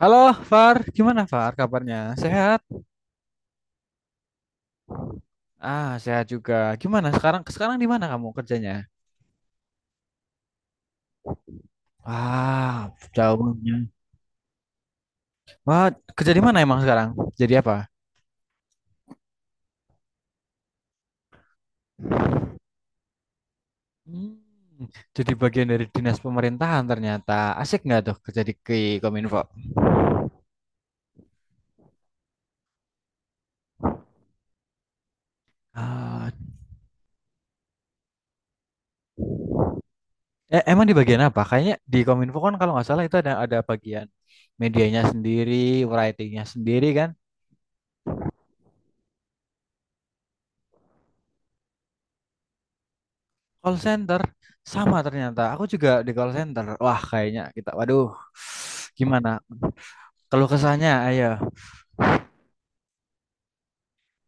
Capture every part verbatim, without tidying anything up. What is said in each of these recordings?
Halo, Far. Gimana, Far? Kabarnya? Sehat? Ah, sehat juga. Gimana sekarang? Sekarang di mana kamu kerjanya? Wah, jauhnya. Wah, kerja di mana emang sekarang? Jadi apa? Hmm, jadi bagian dari dinas pemerintahan ternyata. Asik nggak tuh kerja di Ki- Kominfo? Ah, eh, Emang di bagian apa? Kayaknya di Kominfo kan kalau nggak salah itu ada ada bagian medianya sendiri, writingnya sendiri kan? Call center sama ternyata. Aku juga di call center. Wah, kayaknya kita waduh. Gimana? Kalau kesannya ayo.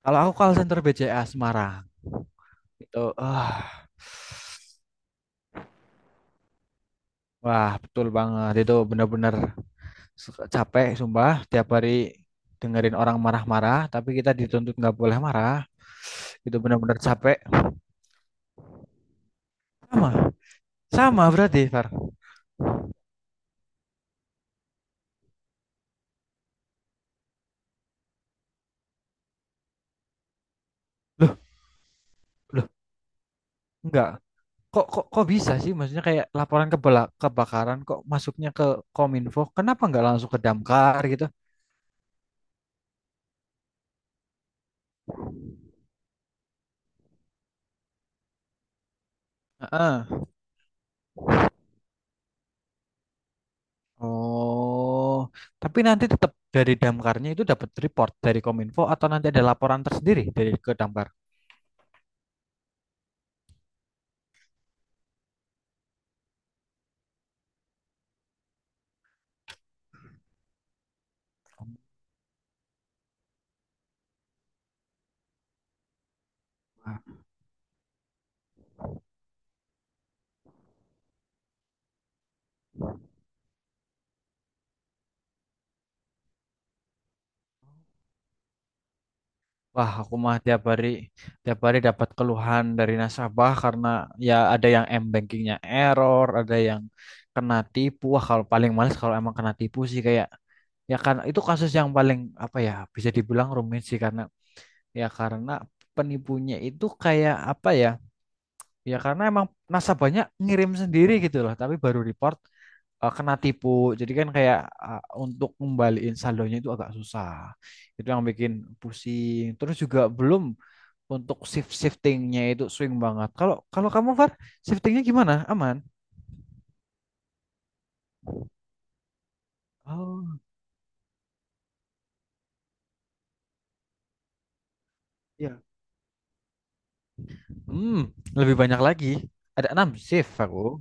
Kalau aku call center B C A Semarang itu ah wah, betul banget. Itu benar-benar se- capek sumpah tiap hari dengerin orang marah-marah, tapi kita dituntut nggak boleh marah. Itu benar-benar capek. Sama. Sama berarti, Far. Loh, loh, enggak. Kok kok kok bisa sih, maksudnya kayak laporan kebala- kebakaran kok masuknya ke Kominfo, kenapa nggak langsung ke Damkar gitu? Heeh. Oh, tapi nanti tetap dari Damkarnya itu dapat report dari Kominfo atau nanti ada laporan tersendiri dari ke Damkar? Wah, aku mah tiap hari tiap hari dapat keluhan dari nasabah karena ya ada yang m-bankingnya error, ada yang kena tipu. Wah, kalau paling males kalau emang kena tipu sih, kayak ya kan itu kasus yang paling apa ya, bisa dibilang rumit sih karena ya karena penipunya itu kayak apa ya ya karena emang nasabahnya ngirim sendiri gitu loh, tapi baru report, eh, kena tipu, jadi kan kayak eh, untuk ngembaliin saldonya itu agak susah. Itu yang bikin pusing, terus juga belum untuk shift shiftingnya itu swing banget. Kalau kalau kamu, Far, shiftingnya gimana? Aman? Oh, ya. Hmm, Lebih banyak lagi. Ada enam shift aku.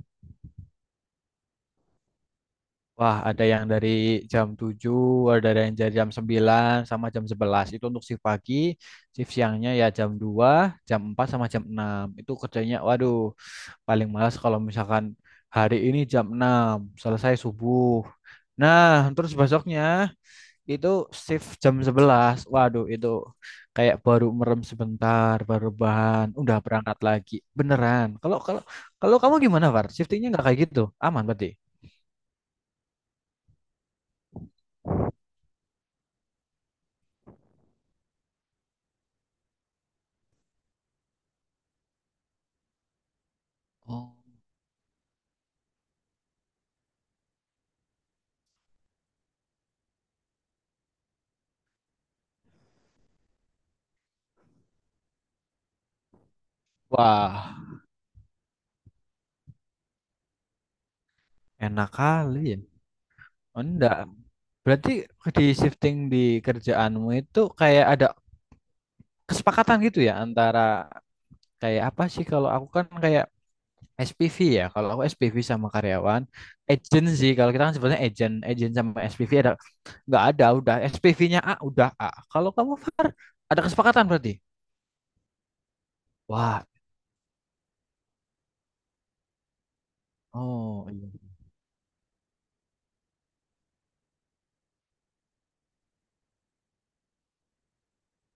Wah, ada yang dari jam tujuh, ada yang dari jam sembilan, sama jam sebelas. Itu untuk shift pagi. Shift siangnya ya jam dua, jam empat sama jam enam. Itu kerjanya waduh, paling malas kalau misalkan hari ini jam enam selesai subuh. Nah, terus besoknya itu shift jam sebelas. Waduh, itu kayak baru merem sebentar, baru bahan, udah berangkat lagi. Beneran. Kalau kalau kalau kamu gimana, Var? Shiftingnya nggak kayak gitu? Aman berarti. Oh, wah, enak kali ya. Oh, enggak. Berarti di shifting di kerjaanmu itu kayak ada kesepakatan gitu ya antara kayak apa sih, kalau aku kan kayak S P V ya. Kalau aku S P V sama karyawan, agent sih. Kalau kita kan sebenarnya agent, agent sama S P V ada nggak ada udah S P V-nya A udah A. Kalau kamu Var ada kesepakatan berarti. Wah. Oh iya.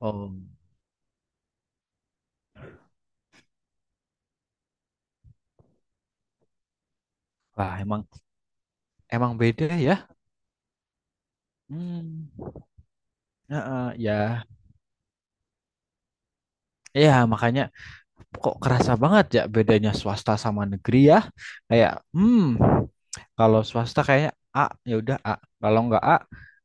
Oh. Wah, emang emang beda ya. Hmm. Heeh, ya, ya makanya kok kerasa banget ya bedanya swasta sama negeri ya, kayak hmm kalau swasta kayaknya A ya udah A, kalau nggak A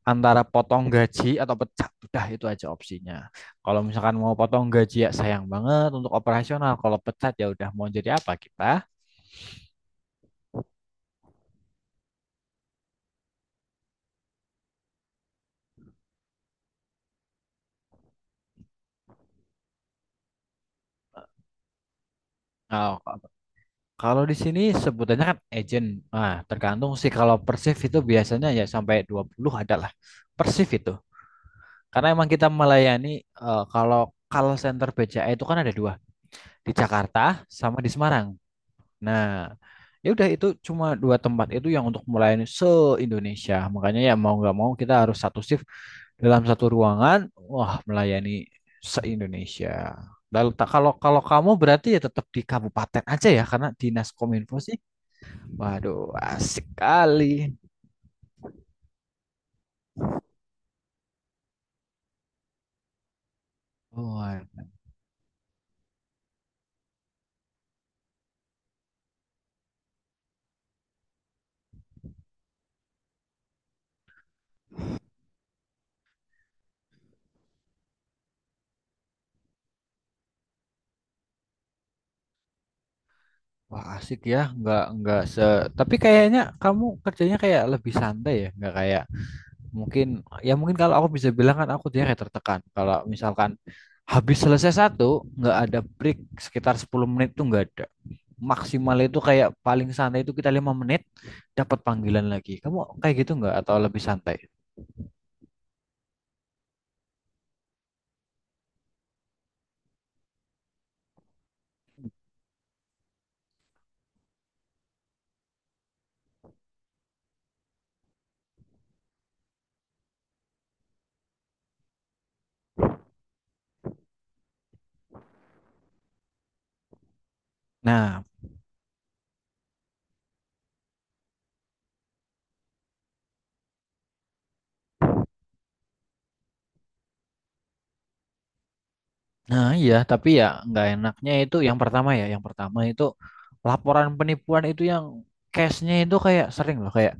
antara potong gaji atau pecat udah itu aja opsinya. Kalau misalkan mau potong gaji ya sayang banget untuk operasional, kalau pecat ya udah mau jadi apa kita. Nah, kalau di sini sebutannya kan agent. Nah, tergantung sih, kalau Persif itu biasanya ya sampai dua puluh adalah Persif itu. Karena emang kita melayani, eh, kalau call center B C A itu kan ada dua, di Jakarta sama di Semarang. Nah, ya udah itu cuma dua tempat itu yang untuk melayani se-Indonesia. Makanya ya mau nggak mau kita harus satu shift dalam satu ruangan, wah, melayani se-Indonesia. Lalu tak kalau kalau kamu berarti ya tetap di kabupaten aja ya karena dinas kominfo sih. Waduh, asik kali. Wah, wah asik ya, nggak nggak se. Tapi kayaknya kamu kerjanya kayak lebih santai ya, nggak kayak... Mungkin ya mungkin kalau aku bisa bilang kan aku dia kayak tertekan. Kalau misalkan habis selesai satu, nggak ada break sekitar sepuluh menit tuh nggak ada. Maksimal itu kayak paling santai itu kita lima menit dapat panggilan lagi. Kamu kayak gitu nggak atau lebih santai? Nah, nah iya, tapi ya nggak enaknya itu yang pertama ya. Yang pertama itu laporan penipuan itu yang cashnya itu kayak sering loh, kayak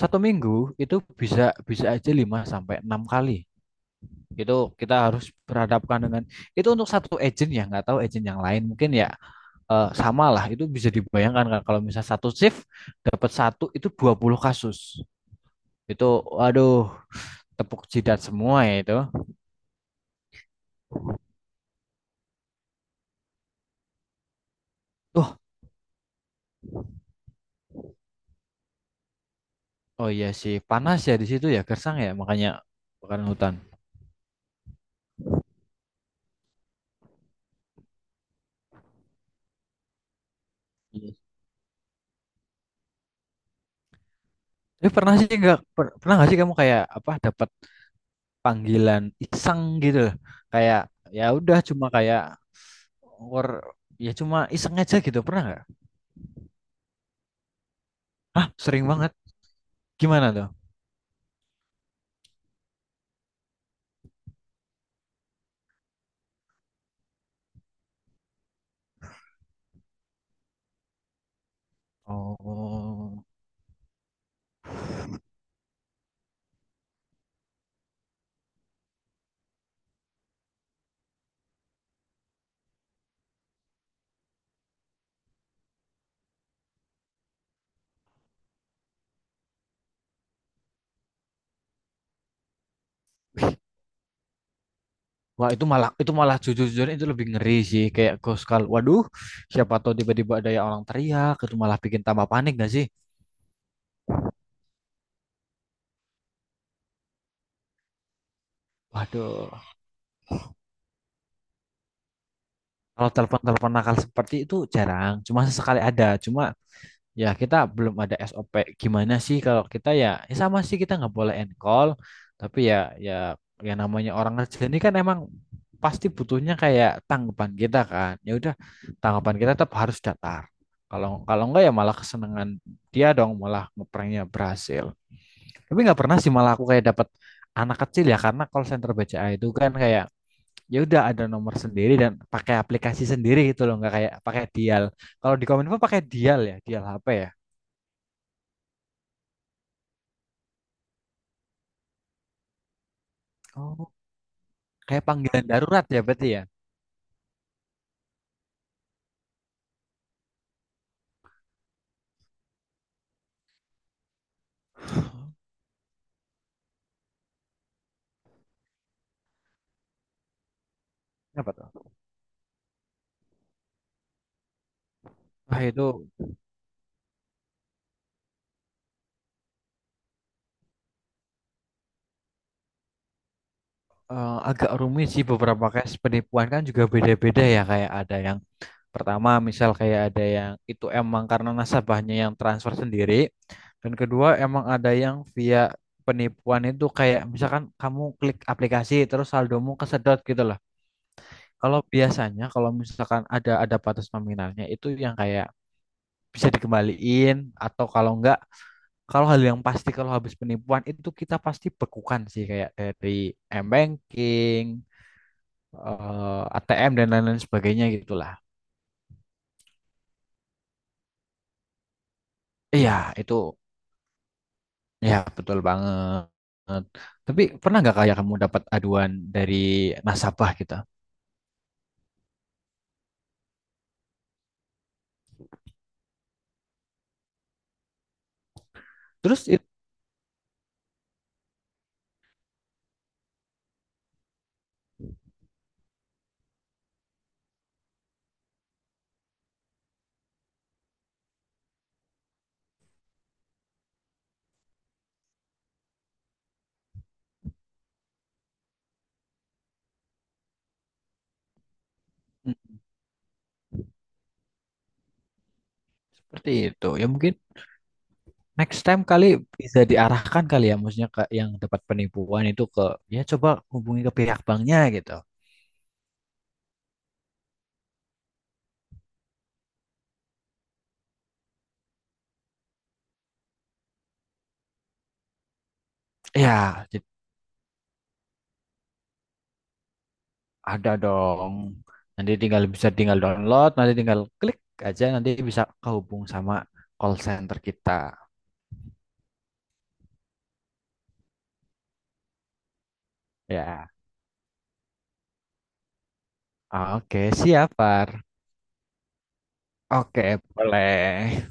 satu minggu itu bisa bisa aja lima sampai enam kali. Itu kita harus berhadapkan dengan itu, untuk satu agent ya, nggak tahu agent yang lain mungkin ya, eh, sama lah. Itu bisa dibayangkan kan kalau misal satu shift dapat satu itu dua puluh kasus. Itu aduh, tepuk jidat semua ya itu. Oh, oh iya sih panas ya di situ ya gersang ya makanya kebakaran hutan. Iya. Tapi pernah sih nggak per- pernah nggak sih kamu kayak apa, dapat panggilan iseng gitu loh, kayak ya udah cuma kayak or ya cuma iseng aja gitu, pernah nggak? Ah sering banget. Gimana tuh? Oh, wah itu malah itu malah jujur-jujurnya itu lebih ngeri sih, kayak ghost call. Waduh, siapa tahu tiba-tiba ada yang orang teriak, itu malah bikin tambah panik gak sih? Waduh, kalau telepon-telepon nakal seperti itu jarang, cuma sesekali ada. Cuma, ya, kita belum ada S O P. Gimana sih kalau kita ya, ya sama sih, kita nggak boleh end call. Tapi ya, ya, ya namanya orang kerja ini kan emang pasti butuhnya kayak tanggapan kita kan. Ya udah, tanggapan kita tetap harus datar. Kalau kalau enggak ya malah kesenangan dia dong, malah ngepranknya berhasil. Tapi nggak pernah sih malah aku kayak dapat anak kecil ya, karena call center B C A itu kan kayak ya udah ada nomor sendiri dan pakai aplikasi sendiri gitu loh, nggak kayak pakai dial. Kalau di Kominfo pakai dial ya, dial H P ya. Oh. Kayak panggilan darurat ya berarti ya. Apa tuh? Wah itu, eh, agak rumit sih, beberapa kasus penipuan kan juga beda-beda ya, kayak ada yang pertama misal kayak ada yang itu emang karena nasabahnya yang transfer sendiri, dan kedua emang ada yang via penipuan itu kayak misalkan kamu klik aplikasi terus saldomu kesedot gitu loh. Kalau biasanya kalau misalkan ada ada batas nominalnya itu yang kayak bisa dikembaliin atau kalau enggak... Kalau hal yang pasti kalau habis penipuan itu kita pasti bekukan sih, kayak dari m-banking, eh, A T M dan lain-lain sebagainya gitulah. Iya, itu ya betul banget. Tapi pernah nggak kayak kamu dapat aduan dari nasabah kita? Terus it- hmm, seperti itu. Ya mungkin next time kali bisa diarahkan kali ya, maksudnya ke yang dapat penipuan itu ke, ya coba hubungi ke pihak banknya gitu. Iya, ada dong. Nanti tinggal bisa tinggal download, nanti tinggal klik aja nanti bisa kehubung sama call center kita. Ya. Oke, siap, Far. Oke, boleh.